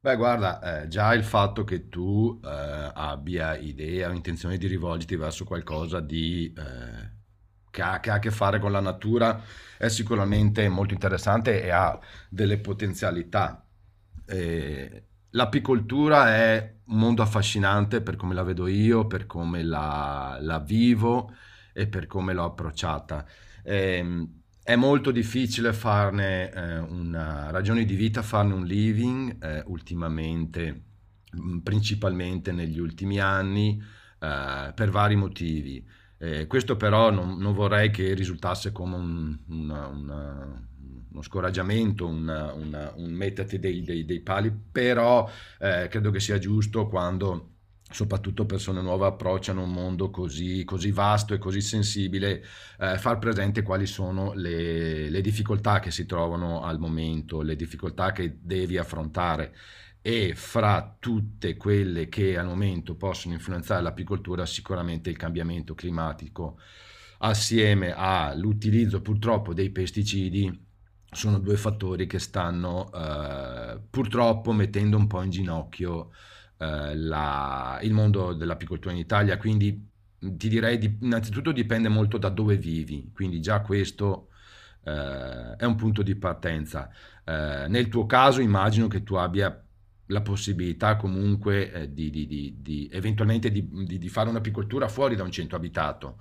Beh, guarda, già il fatto che tu abbia idea o intenzione di rivolgerti verso qualcosa di, che ha a che fare con la natura è sicuramente molto interessante e ha delle potenzialità. Eh, l'apicoltura è un mondo affascinante per come la vedo io, per come la vivo e per come l'ho approcciata. Ehm, è molto difficile farne una ragione di vita, farne un living ultimamente, principalmente negli ultimi anni, per vari motivi. Questo però non vorrei che risultasse come uno scoraggiamento, un metterti dei pali, però credo che sia giusto quando soprattutto persone nuove approcciano un mondo così così vasto e così sensibile far presente quali sono le difficoltà che si trovano al momento, le difficoltà che devi affrontare e fra tutte quelle che al momento possono influenzare l'apicoltura sicuramente il cambiamento climatico assieme all'utilizzo purtroppo dei pesticidi sono due fattori che stanno purtroppo mettendo un po' in ginocchio il mondo dell'apicoltura in Italia, quindi ti direi innanzitutto dipende molto da dove vivi, quindi già questo è un punto di partenza. Nel tuo caso immagino che tu abbia la possibilità comunque eventualmente di fare un'apicoltura fuori da un centro abitato.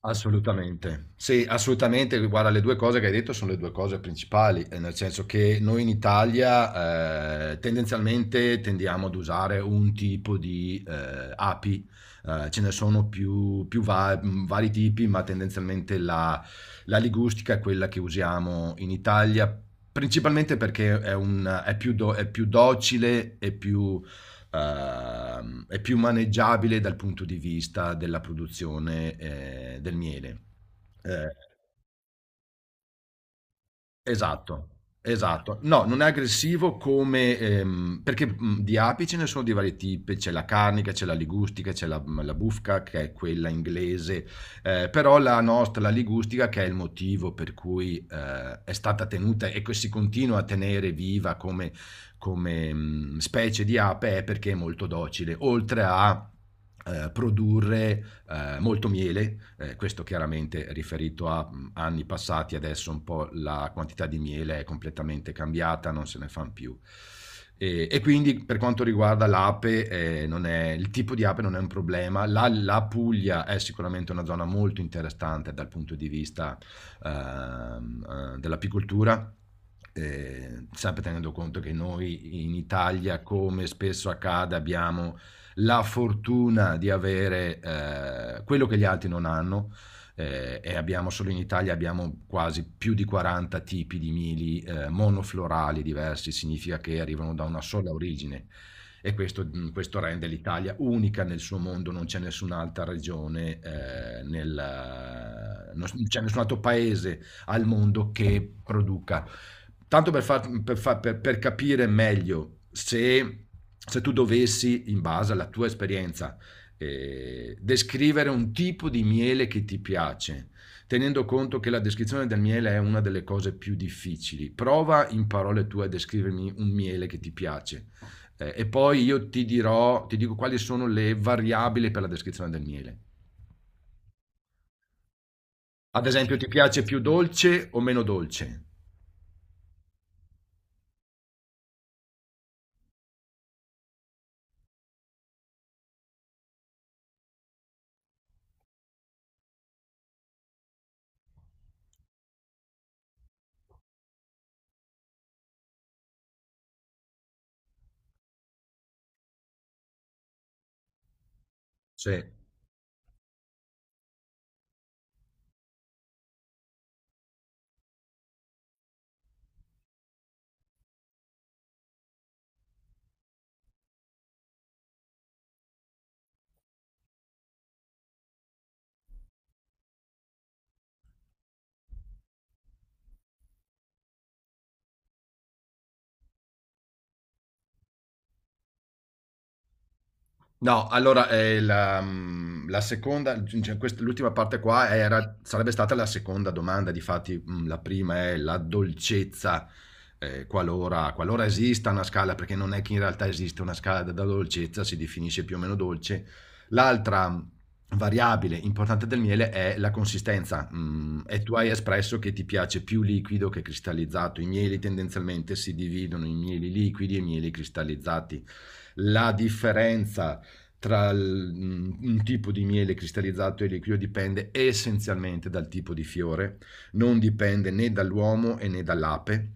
Assolutamente. Sì, assolutamente. Guarda, le 2 cose che hai detto sono le 2 cose principali, nel senso che noi in Italia, tendenzialmente tendiamo ad usare un tipo di, api, ce ne sono vari tipi, ma tendenzialmente la ligustica è quella che usiamo in Italia, principalmente perché è più docile e più è più maneggiabile dal punto di vista della produzione del miele. Eh, Esatto, esatto. No, non è aggressivo come perché di api ce ne sono di vari tipi, c'è la carnica, c'è la ligustica, c'è la bufca che è quella inglese, però la nostra, la ligustica, che è il motivo per cui è stata tenuta e che si continua a tenere viva come, specie di ape, è perché è molto docile, oltre a produrre molto miele, questo chiaramente riferito a anni passati, adesso un po' la quantità di miele è completamente cambiata, non se ne fanno più. E quindi per quanto riguarda l'ape, non è- il tipo di ape non è un problema. La Puglia è sicuramente una zona molto interessante dal punto di vista dell'apicoltura. Sempre tenendo conto che noi in Italia, come spesso accade, abbiamo la fortuna di avere quello che gli altri non hanno, e abbiamo solo in Italia abbiamo quasi più di 40 tipi di mili monoflorali diversi, significa che arrivano da una sola origine e questo rende l'Italia unica nel suo mondo, non c'è nessun'altra regione, non c'è nessun altro paese al mondo che produca. Tanto per, far- per fa- per capire meglio, se tu dovessi, in base alla tua esperienza, descrivere un tipo di miele che ti piace, tenendo conto che la descrizione del miele è una delle cose più difficili. Prova in parole tue a descrivermi un miele che ti piace, e poi io ti dico quali sono le variabili per la descrizione del miele. Ad esempio, ti piace più dolce o meno dolce? Sì. No, allora, la seconda, cioè quest l'ultima parte qua era sarebbe stata la seconda domanda, difatti, la prima è la dolcezza, qualora esista una scala, perché non è che in realtà esiste una scala della dolcezza, si definisce più o meno dolce. L'altra variabile importante del miele è la consistenza, e tu hai espresso che ti piace più liquido che cristallizzato. I mieli tendenzialmente si dividono in mieli liquidi e mieli cristallizzati. La differenza tra un tipo di miele cristallizzato e liquido dipende essenzialmente dal tipo di fiore, non dipende né dall'uomo e né dall'ape.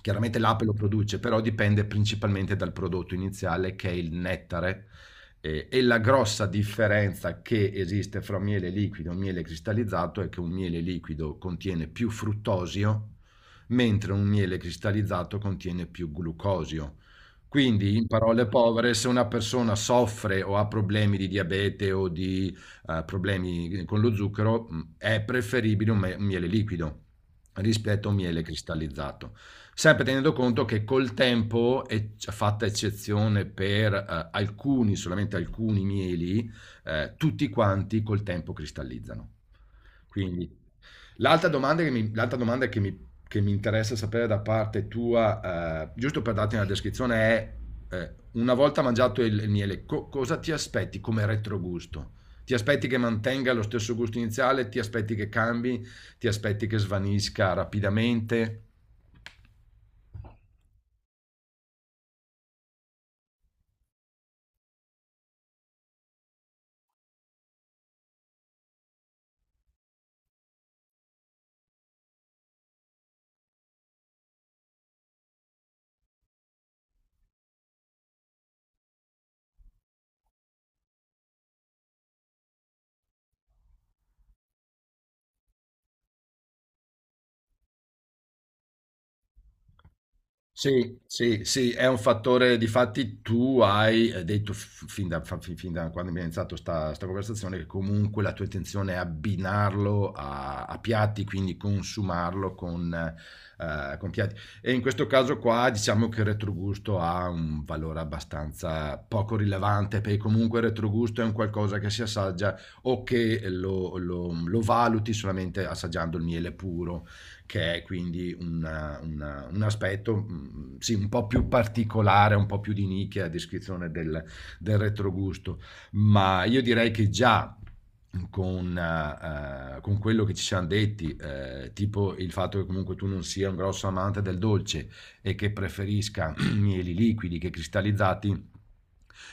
Chiaramente l'ape lo produce, però dipende principalmente dal prodotto iniziale che è il nettare. E la grossa differenza che esiste fra un miele liquido e un miele cristallizzato è che un miele liquido contiene più fruttosio, mentre un miele cristallizzato contiene più glucosio. Quindi, in parole povere, se una persona soffre o ha problemi di diabete o di problemi con lo zucchero, è preferibile un miele liquido rispetto a un miele cristallizzato. Sempre tenendo conto che col tempo, fatta eccezione per alcuni, solamente alcuni mieli, tutti quanti col tempo cristallizzano. Quindi l'altra domanda che mi interessa sapere da parte tua, giusto per darti una descrizione, è, una volta mangiato il miele, cosa ti aspetti come retrogusto? Ti aspetti che mantenga lo stesso gusto iniziale? Ti aspetti che cambi? Ti aspetti che svanisca rapidamente? Sì, sì, sì, è un fattore, difatti tu hai detto fin da quando abbiamo iniziato sta conversazione che comunque la tua intenzione è abbinarlo a piatti, quindi consumarlo con piatti. E in questo caso qua diciamo che il retrogusto ha un valore abbastanza poco rilevante, perché comunque il retrogusto è un qualcosa che si assaggia o che lo valuti solamente assaggiando il miele puro, che è quindi un aspetto, sì, un po' più particolare, un po' più di nicchia, a descrizione del retrogusto, ma io direi che già con quello che ci siamo detti, tipo il fatto che comunque tu non sia un grosso amante del dolce e che preferisca mieli liquidi che cristallizzati,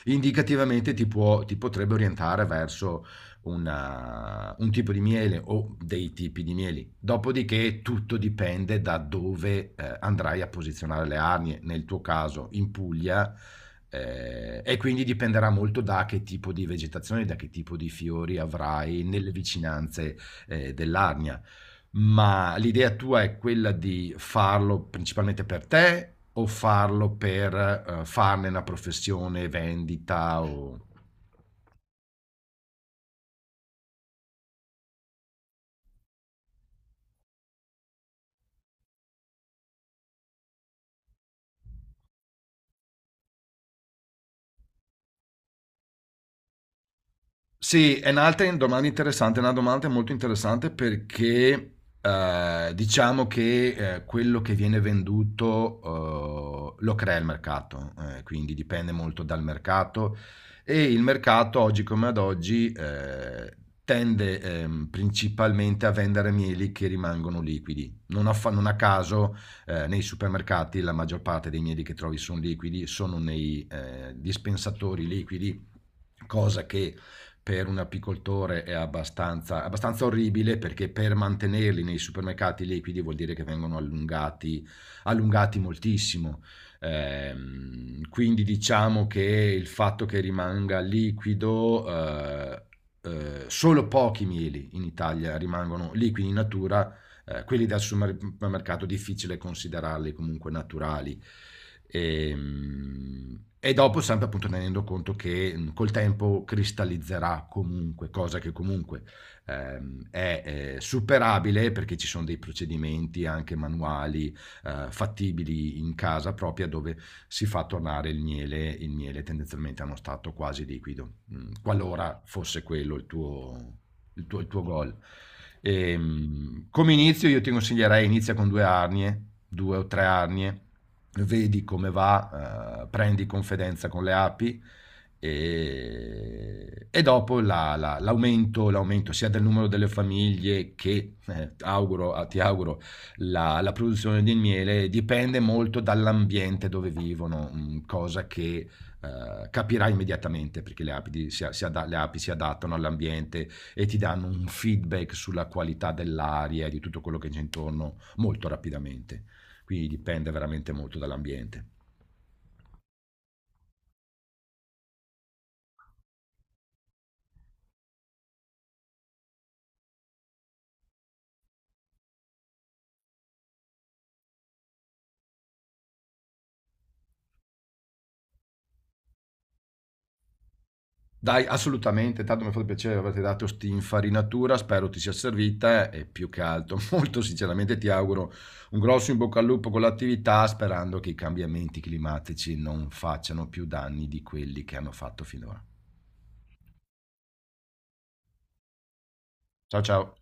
indicativamente ti potrebbe orientare verso un tipo di miele o dei tipi di mieli. Dopodiché tutto dipende da dove andrai a posizionare le arnie, nel tuo caso in Puglia, e quindi dipenderà molto da che tipo di vegetazione, da che tipo di fiori avrai nelle vicinanze dell'arnia. Ma l'idea tua è quella di farlo principalmente per te o farlo per farne una professione, vendita o... Sì, è un'altra domanda interessante, è una domanda molto interessante perché diciamo che quello che viene venduto lo crea il mercato, quindi dipende molto dal mercato e il mercato oggi come ad oggi tende principalmente a vendere mieli che rimangono liquidi. Non a caso nei supermercati la maggior parte dei mieli che trovi sono liquidi, sono nei dispensatori liquidi, cosa che per un apicoltore è abbastanza, abbastanza orribile perché per mantenerli nei supermercati liquidi vuol dire che vengono allungati, allungati moltissimo. Quindi diciamo che il fatto che rimanga liquido, solo pochi mieli in Italia rimangono liquidi in natura, quelli dal supermercato difficile considerarli comunque naturali. E, e dopo sempre appunto tenendo conto che col tempo cristallizzerà comunque, cosa che comunque è superabile perché ci sono dei procedimenti anche manuali fattibili in casa propria dove si fa tornare il miele tendenzialmente a uno stato quasi liquido, qualora fosse quello il tuo gol. Come inizio io ti consiglierei inizia con due arnie, due o tre arnie, vedi come va, prendi confidenza con le api e dopo l'aumento, l'aumento sia del numero delle famiglie che, ti auguro, la produzione di miele dipende molto dall'ambiente dove vivono, cosa che capirai immediatamente perché le api si adattano all'ambiente e ti danno un feedback sulla qualità dell'aria e di tutto quello che c'è intorno molto rapidamente. Quindi dipende veramente molto dall'ambiente. Dai, assolutamente, tanto mi ha fatto piacere averti dato questa infarinatura, spero ti sia servita e più che altro, molto sinceramente ti auguro un grosso in bocca al lupo con l'attività, sperando che i cambiamenti climatici non facciano più danni di quelli che hanno fatto finora. Ciao ciao!